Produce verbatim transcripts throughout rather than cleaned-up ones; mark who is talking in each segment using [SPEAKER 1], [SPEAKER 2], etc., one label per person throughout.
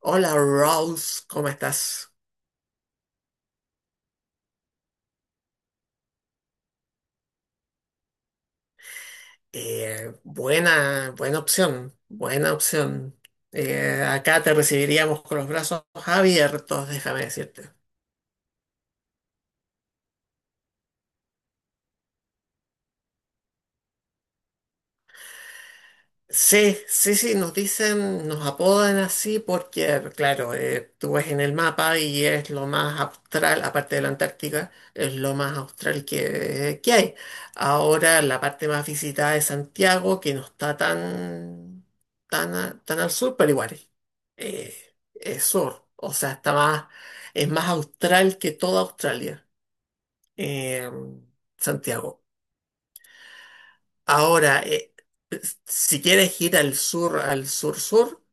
[SPEAKER 1] Hola Rolf, ¿cómo estás? Eh, buena, buena opción, buena opción. Eh, acá te recibiríamos con los brazos abiertos, déjame decirte. Sí, sí, sí, nos dicen, nos apodan así porque, claro, eh, tú ves en el mapa y es lo más austral, aparte de la Antártica, es lo más austral que, que hay. Ahora la parte más visitada es Santiago, que no está tan, tan, a- tan al sur, pero igual eh, es sur, o sea, está más, es más austral que toda Australia, eh, Santiago. Ahora, eh, si quieres ir al sur, al sur-sur,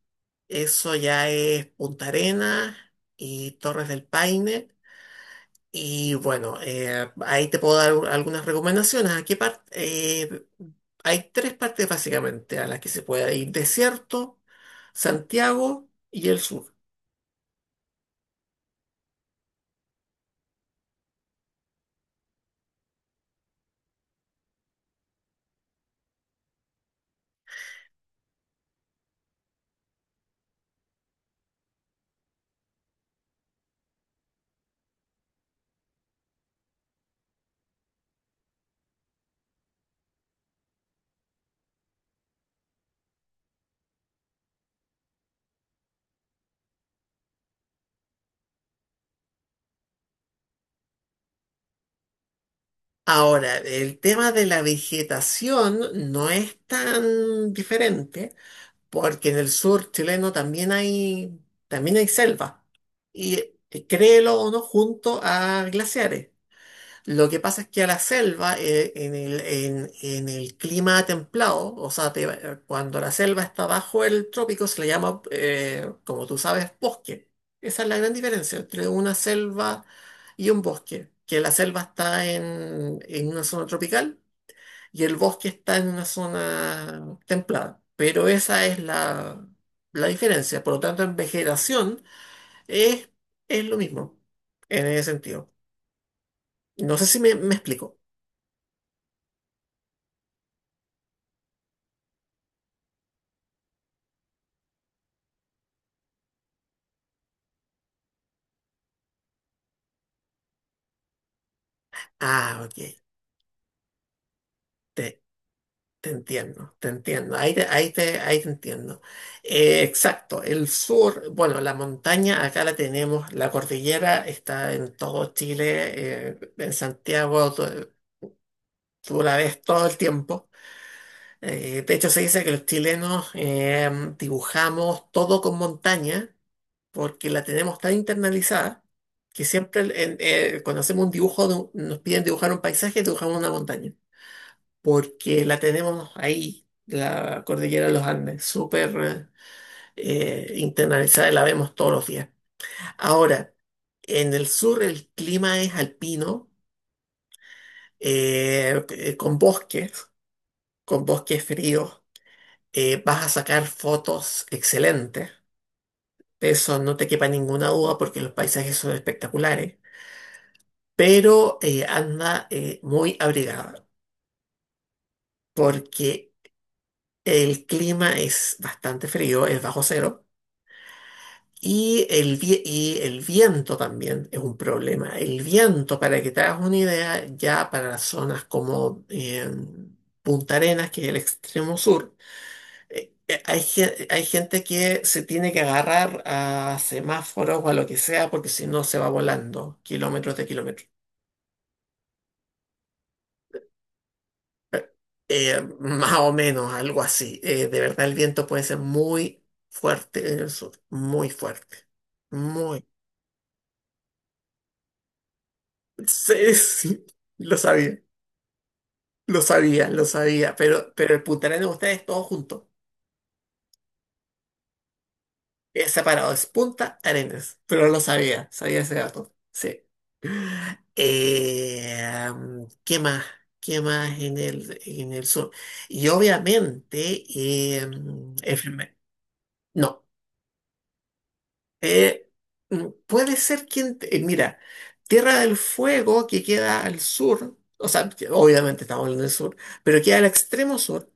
[SPEAKER 1] eso ya es Punta Arenas y Torres del Paine. Y bueno, eh, ahí te puedo dar algunas recomendaciones. Aquí par- eh, hay tres partes básicamente a las que se puede ir. Desierto, Santiago y el sur. Ahora, el tema de la vegetación no es tan diferente, porque en el sur chileno también hay, también hay selva. Y eh, créelo o no, junto a glaciares. Lo que pasa es que a la selva, eh, en el, en- en el clima templado, o sea, te- cuando la selva está bajo el trópico, se le llama, eh, como tú sabes, bosque. Esa es la gran diferencia entre una selva y un bosque, que la selva está en, en una zona tropical y el bosque está en una zona templada. Pero esa es la, la diferencia. Por lo tanto, en vegetación es, es lo mismo, en ese sentido. No sé si me me explico. Ah, ok. Te, te entiendo, te entiendo. Ahí te, ahí te, ahí te entiendo. Eh, exacto. El sur, bueno, la montaña acá la tenemos. La cordillera está en todo Chile. Eh, en Santiago tú, tú la ves todo el tiempo. Eh, de hecho, se dice que los chilenos eh, dibujamos todo con montaña porque la tenemos tan internalizada que siempre en- eh, cuando hacemos un dibujo, de un- nos piden dibujar un paisaje, dibujamos una montaña. Porque la tenemos ahí, la cordillera de los Andes, súper eh, internalizada, y la vemos todos los días. Ahora, en el sur el clima es alpino, eh, eh, con bosques, con bosques fríos. Eh, vas a sacar fotos excelentes, de eso no te quepa ninguna duda, porque los paisajes son espectaculares, pero eh, anda eh, muy abrigada porque el clima es bastante frío, es bajo cero. Y el, vie- y el viento también es un problema. El viento, para que te hagas una idea, ya para zonas como eh, Punta Arenas, que es el extremo sur, eh, eh, hay, ge- hay gente que se tiene que agarrar a semáforos o a lo que sea, porque si no se va volando kilómetros de kilómetros. Eh, más o menos, algo así. Eh, de verdad, el viento puede ser muy fuerte en el sur, muy fuerte. Muy. Sí, sí, lo sabía. Lo sabía, lo sabía, pero, pero el puntaral de ustedes todo junto. Es separado, es Punta Arenas. Pero no lo sabía, sabía ese dato. Sí. Eh, um, ¿qué más? ¿Qué más en el, en el sur? Y obviamente, eh, um, enferme- no. Eh, mm, puede ser quien, eh, mira, Tierra del Fuego que queda al sur, o sea, que obviamente estamos en el sur, pero queda al extremo sur.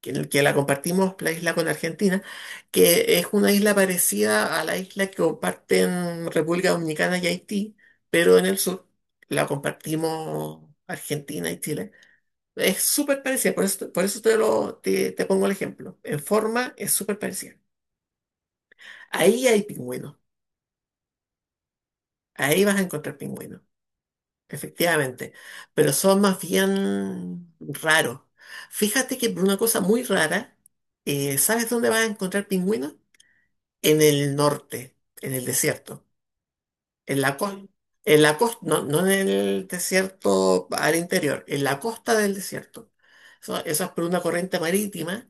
[SPEAKER 1] que, Que la compartimos, la isla, con Argentina, que es una isla parecida a la isla que comparten República Dominicana y Haití, pero en el sur la compartimos Argentina y Chile. Es súper parecida, por eso, por eso te, lo, te, te pongo el ejemplo. En forma es súper parecida. Ahí hay pingüinos, ahí vas a encontrar pingüinos, efectivamente, pero son más bien raros. Fíjate que por una cosa muy rara, eh, ¿sabes dónde vas a encontrar pingüinos? En el norte, en el desierto, en la costa, en la costa, no, no en el desierto al interior, en la costa del desierto. Eso, eso es por una corriente marítima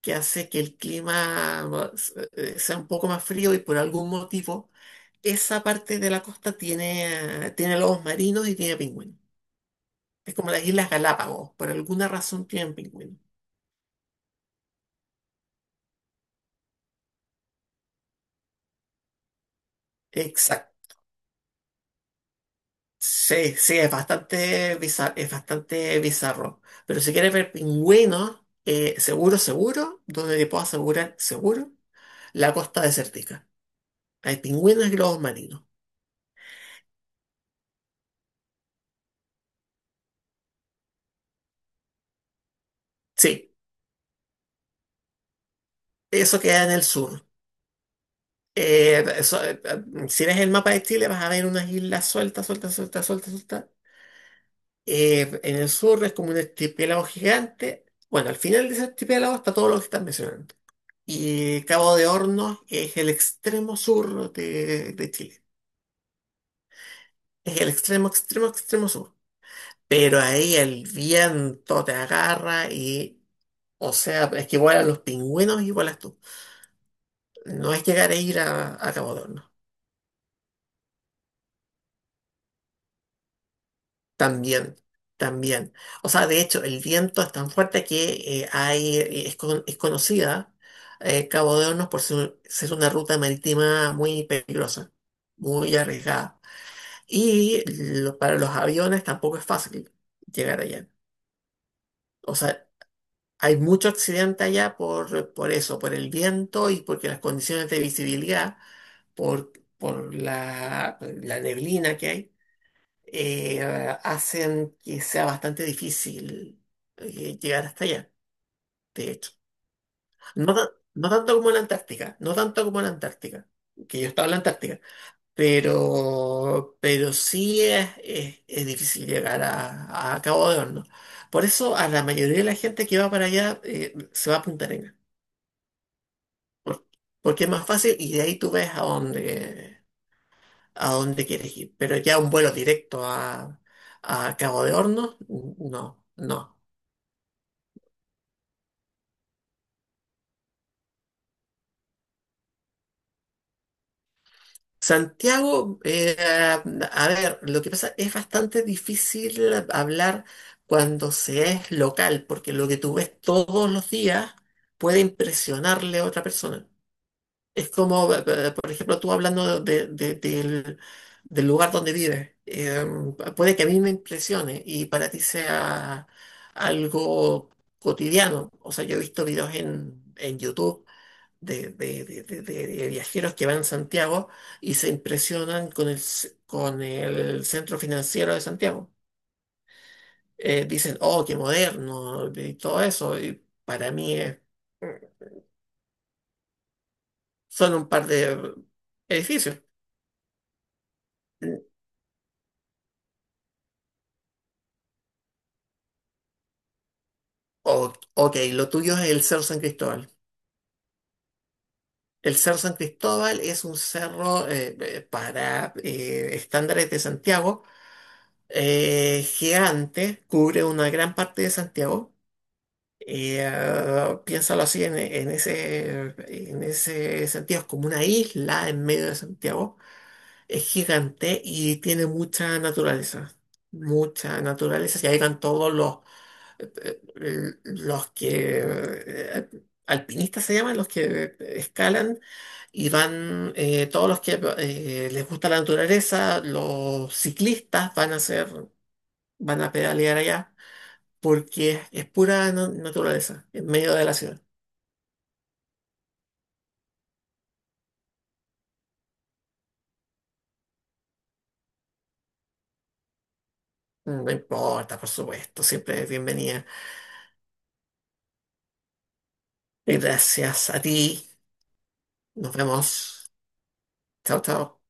[SPEAKER 1] que hace que el clima eh, sea un poco más frío, y por algún motivo esa parte de la costa tiene, eh, tiene lobos marinos y tiene pingüinos. Es como las Islas Galápagos, por alguna razón tienen pingüinos. Exacto. Sí, sí, es bastante bizarro, es bastante bizarro. Pero si quieres ver pingüinos, eh, seguro, seguro, donde te puedo asegurar, seguro, la costa desértica. Hay pingüinos y globos marinos. Sí, eso queda en el sur. Eh, eso, eh, eh, si ves el mapa de Chile, vas a ver unas islas sueltas, sueltas, sueltas, sueltas, sueltas. Eh, en el sur es como un archipiélago gigante. Bueno, al final de ese archipiélago está todo lo que estás mencionando. Y Cabo de Hornos es el extremo sur de de Chile. Es el extremo, extremo, extremo sur. Pero ahí el viento te agarra y, o sea, es que vuelan los pingüinos y vuelas tú. No es llegar a ir a, a Cabo Hornos. También, también. O sea, de hecho, el viento es tan fuerte que eh, hay, es, con- es conocida eh, Cabo de Hornos por ser, ser una ruta marítima muy peligrosa, muy arriesgada. Y lo- para los aviones tampoco es fácil llegar allá. O sea, hay mucho accidente allá por, por eso, por el viento, y porque las condiciones de visibilidad, por, por la, la neblina que hay, eh, hacen que sea bastante difícil eh, llegar hasta allá, de hecho. No, ta- no tanto como en la Antártica, no tanto como en la Antártica, que yo estaba en la Antártica, pero, pero sí es, es, es difícil llegar a, a Cabo de Hornos. Por eso a la mayoría de la gente que va para allá eh, se va a apuntar en por- porque es más fácil, y de ahí tú ves a dónde, a dónde quieres ir. Pero ya un vuelo directo a, a Cabo de Hornos, no, no. Santiago, eh, a ver, lo que pasa es bastante difícil hablar cuando se es local, porque lo que tú ves todos los días puede impresionarle a otra persona. Es como, eh, eh, por ejemplo, tú hablando de- de- del, del lugar donde vives, eh, puede que a mí me impresione y para ti sea algo cotidiano. O sea, yo he visto videos en, en YouTube de, de- de- de- de- de viajeros que van a Santiago y se impresionan con el, c- con el centro financiero de Santiago. Eh, dicen, oh, qué moderno y todo eso. Y para mí es son un par de edificios. O ok, lo tuyo es el Cerro San Cristóbal. El Cerro San Cristóbal es un cerro eh, eh, para eh, estándares de Santiago eh, gigante, cubre una gran parte de Santiago. Eh, ah, piénsalo así en, en ese, en ese sentido, es como una isla en medio de Santiago. Es gigante y tiene mucha naturaleza, mucha naturaleza. Se habitan todos los eh, eh, los que eh, alpinistas se llaman, los que eh, escalan y van eh, todos los que eh, les gusta la naturaleza, los ciclistas van a hacer, van a pedalear allá porque es, es pura na- naturaleza en medio de la ciudad. Mm, no importa, por supuesto, siempre es bienvenida. Gracias a ti. Nos vemos. Chao, chao.